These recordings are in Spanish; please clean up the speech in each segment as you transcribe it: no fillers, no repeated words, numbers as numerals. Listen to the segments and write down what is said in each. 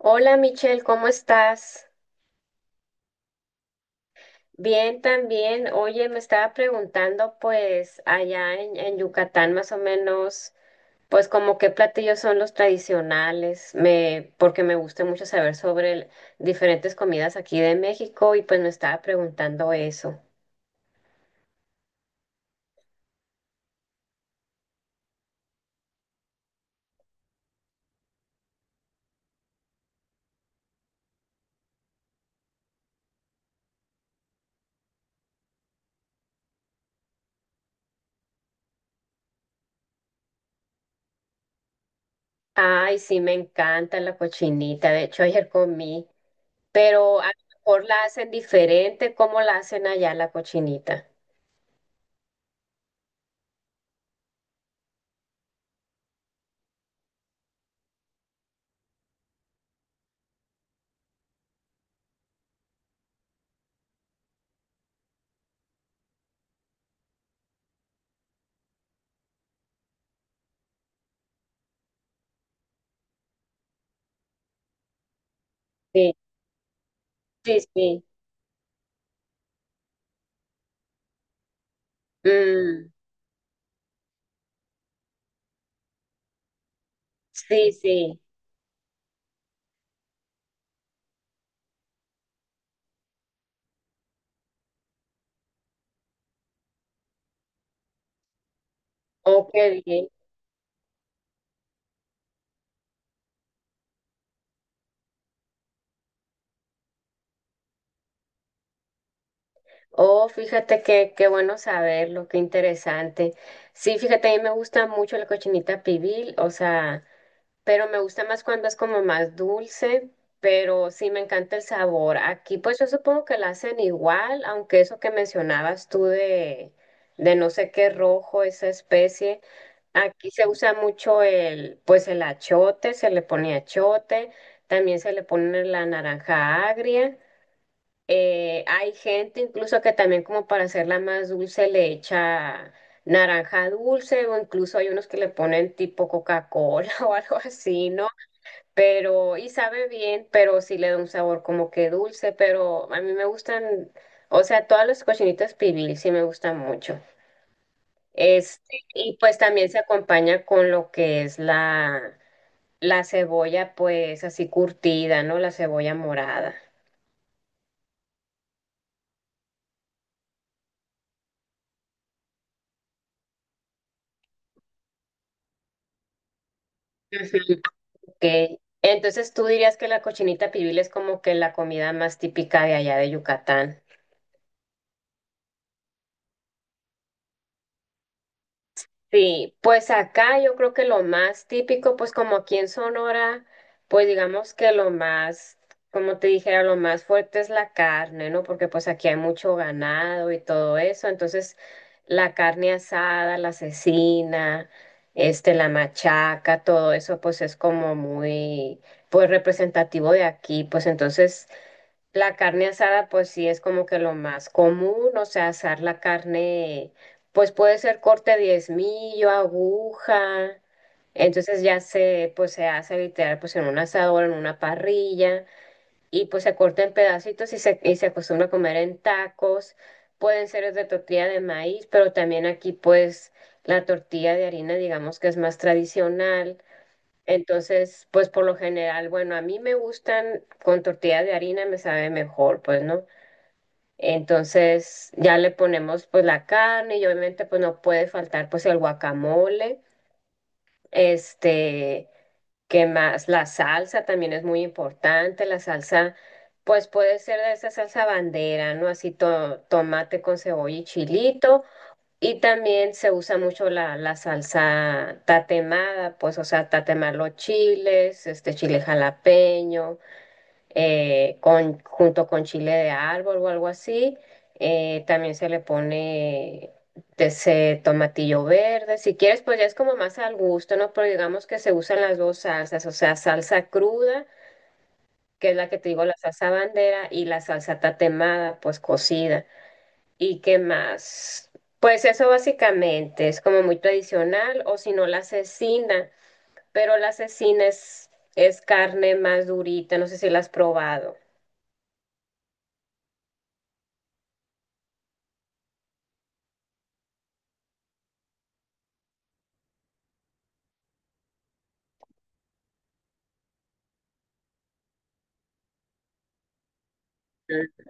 Hola Michelle, ¿cómo estás? Bien también. Oye, me estaba preguntando pues allá en Yucatán más o menos, pues como qué platillos son los tradicionales, me, porque me gusta mucho saber sobre diferentes comidas aquí de México y pues me estaba preguntando eso. Ay, sí, me encanta la cochinita, de hecho ayer comí, pero a lo mejor la hacen diferente, ¿cómo la hacen allá la cochinita? Sí, sí, sí. Mm, sí, sí. Oh, qué bien. Oh, fíjate que qué bueno saberlo, qué interesante. Sí, fíjate, a mí me gusta mucho la cochinita pibil, o sea, pero me gusta más cuando es como más dulce, pero sí me encanta el sabor. Aquí pues yo supongo que la hacen igual, aunque eso que mencionabas tú de no sé qué rojo, esa especie, aquí se usa mucho el, pues el achote, se le pone achote, también se le pone la naranja agria. Hay gente incluso que también como para hacerla más dulce le echa naranja dulce o incluso hay unos que le ponen tipo Coca-Cola o algo así, ¿no? Pero y sabe bien, pero sí le da un sabor como que dulce, pero a mí me gustan, o sea, todas las cochinitas pibil sí me gustan mucho. Este, y pues también se acompaña con lo que es la cebolla pues así curtida, ¿no? La cebolla morada. Ujú. Ok. Entonces tú dirías que la cochinita pibil es como que la comida más típica de allá de Yucatán. Sí, pues acá yo creo que lo más típico, pues como aquí en Sonora, pues digamos que lo más, como te dijera, lo más fuerte es la carne, ¿no? Porque pues aquí hay mucho ganado y todo eso, entonces la carne asada, la cecina, este, la machaca, todo eso pues es como muy, pues representativo de aquí, pues entonces... La carne asada, pues sí es como que lo más común, o sea, asar la carne, pues puede ser corte diezmillo, aguja, entonces ya se, pues se hace literal, pues en un asador, en una parrilla, y pues se corta en pedacitos y se acostumbra a comer en tacos, pueden ser de tortilla de maíz, pero también aquí pues la tortilla de harina, digamos que es más tradicional. Entonces, pues por lo general, bueno, a mí me gustan con tortilla de harina, me sabe mejor, pues, ¿no? Entonces, ya le ponemos pues la carne y obviamente pues no puede faltar pues el guacamole, este, ¿qué más? La salsa también es muy importante, la salsa pues puede ser de esa salsa bandera, ¿no? Así tomate con cebolla y chilito y también se usa mucho la salsa tatemada, pues, o sea, tatemar los chiles, este chile jalapeño, con, junto con chile de árbol o algo así. También se le pone de ese tomatillo verde. Si quieres, pues ya es como más al gusto, ¿no? Pero digamos que se usan las dos salsas, o sea, salsa cruda, que es la que te digo, la salsa bandera, y la salsa tatemada, pues cocida. ¿Y qué más? Pues eso básicamente es como muy tradicional, o si no la cecina, pero la cecina es carne más durita, no sé si la has probado. Mm.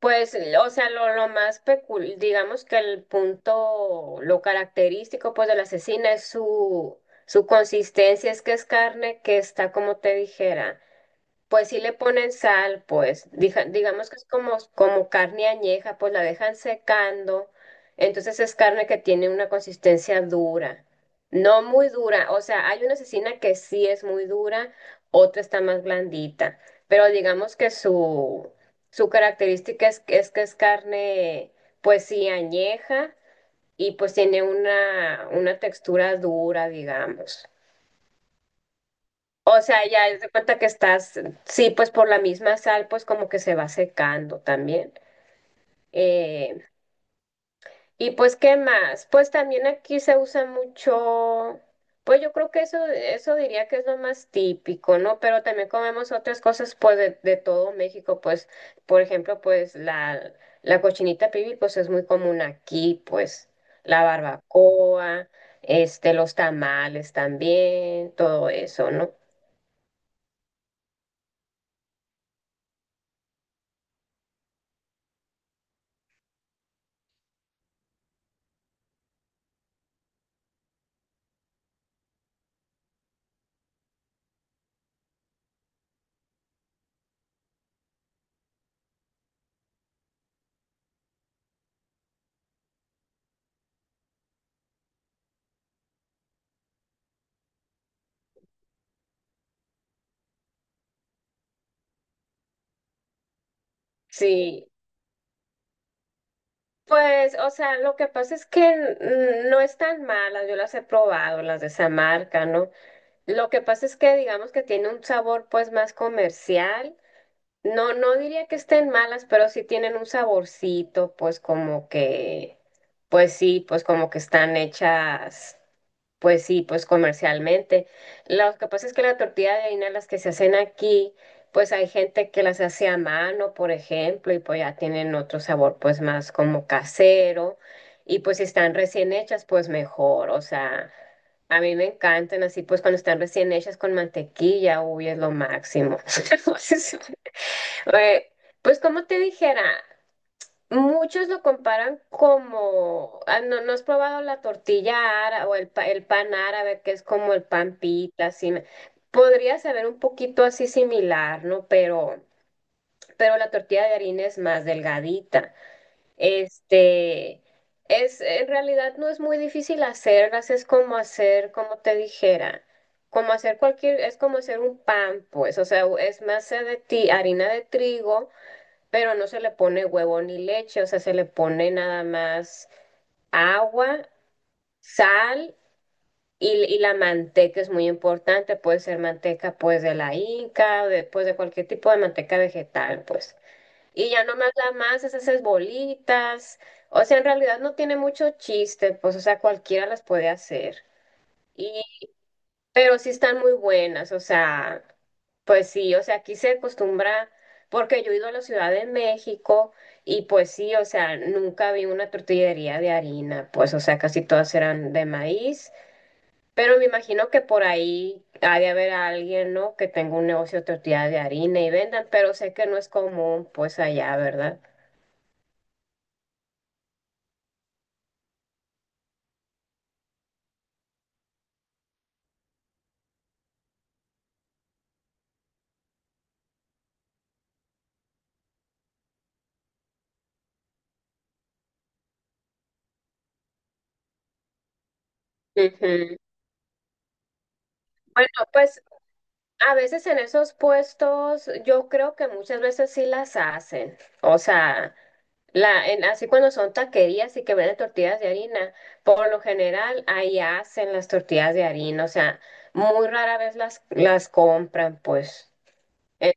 Pues, o sea, lo más pecul, digamos que el punto, lo característico pues de la cecina es su, su consistencia, es que es carne que está, como te dijera. Pues sí le ponen sal, pues digamos que es como, como carne añeja, pues la dejan secando, entonces es carne que tiene una consistencia dura, no muy dura, o sea, hay una cecina que sí es muy dura, otra está más blandita, pero digamos que su característica es, es que es carne, pues sí, añeja y pues tiene una textura dura, digamos. O sea, ya es de cuenta que estás, sí, pues por la misma sal, pues como que se va secando también. Eh, y pues, ¿qué más? Pues también aquí se usa mucho, pues yo creo que eso diría que es lo más típico, ¿no? Pero también comemos otras cosas, pues, de todo México, pues, por ejemplo, pues la cochinita pibil, pues es muy común aquí, pues, la barbacoa, este, los tamales también, todo eso, ¿no? Sí. Pues, o sea, lo que pasa es que mm, no están malas, yo las he probado, las de esa marca, ¿no? Lo que pasa es que digamos que tiene un sabor pues más comercial. No, no diría que estén malas, pero sí tienen un saborcito, pues como que, pues sí, pues como que están hechas. Pues sí, pues comercialmente. Lo que pasa es que la tortilla de harina, las que se hacen aquí, pues hay gente que las hace a mano, por ejemplo, y pues ya tienen otro sabor, pues más como casero. Y pues si están recién hechas, pues mejor. O sea, a mí me encantan así, pues cuando están recién hechas con mantequilla, uy, es lo máximo. Entonces, Eh, pues como te dijera. Muchos lo comparan como, ah, no, no has probado la tortilla árabe o el, el pan árabe, que es como el pan pita, así. Podría saber un poquito así similar, ¿no? Pero la tortilla de harina es más delgadita. Este, es, en realidad no es muy difícil hacerlas, es como hacer, como te dijera, como hacer cualquier, es como hacer un pan, pues, o sea, es masa de ti, harina de trigo pero no se le pone huevo ni leche, o sea, se le pone nada más agua, sal y la manteca es muy importante, puede ser manteca pues de la inca, o de, pues, de cualquier tipo de manteca vegetal, pues. Y ya nomás la masas, haces bolitas, o sea, en realidad no tiene mucho chiste, pues, o sea, cualquiera las puede hacer. Pero sí están muy buenas, o sea, pues sí, o sea, aquí se acostumbra, porque yo he ido a la Ciudad de México y pues sí, o sea, nunca vi una tortillería de harina, pues o sea, casi todas eran de maíz, pero me imagino que por ahí ha de haber alguien, ¿no? Que tenga un negocio de tortilla de harina y vendan, pero sé que no es común, pues allá, ¿verdad? Ujú. Bueno, pues a veces en esos puestos yo creo que muchas veces sí las hacen, o sea... La, así cuando son taquerías y que venden tortillas de harina, por lo general ahí hacen las tortillas de harina, o sea, muy rara vez las compran, pues. Eh,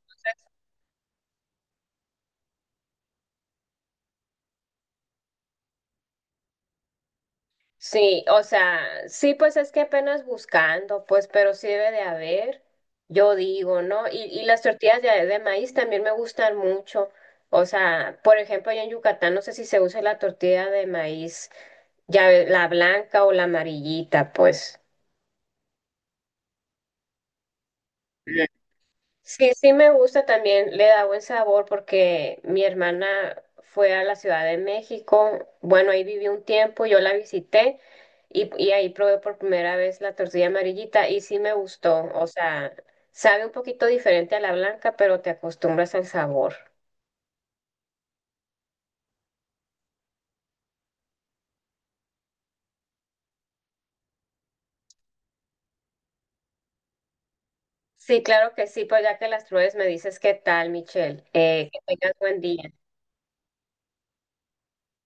sí, o sea, sí, pues es que apenas buscando, pues, pero sí debe de haber, yo digo, ¿no? Y las tortillas de maíz también me gustan mucho. O sea, por ejemplo, allá en Yucatán no sé si se usa la tortilla de maíz, la blanca o la amarillita, pues. Sí, sí me gusta también, le da buen sabor porque mi hermana fue a la Ciudad de México, bueno, ahí viví un tiempo, yo la visité y ahí probé por primera vez la tortilla amarillita y sí me gustó, o sea, sabe un poquito diferente a la blanca, pero te acostumbras al sabor. Sí, claro que sí, pues ya que las pruebes me dices qué tal, Michelle, que tengas buen día.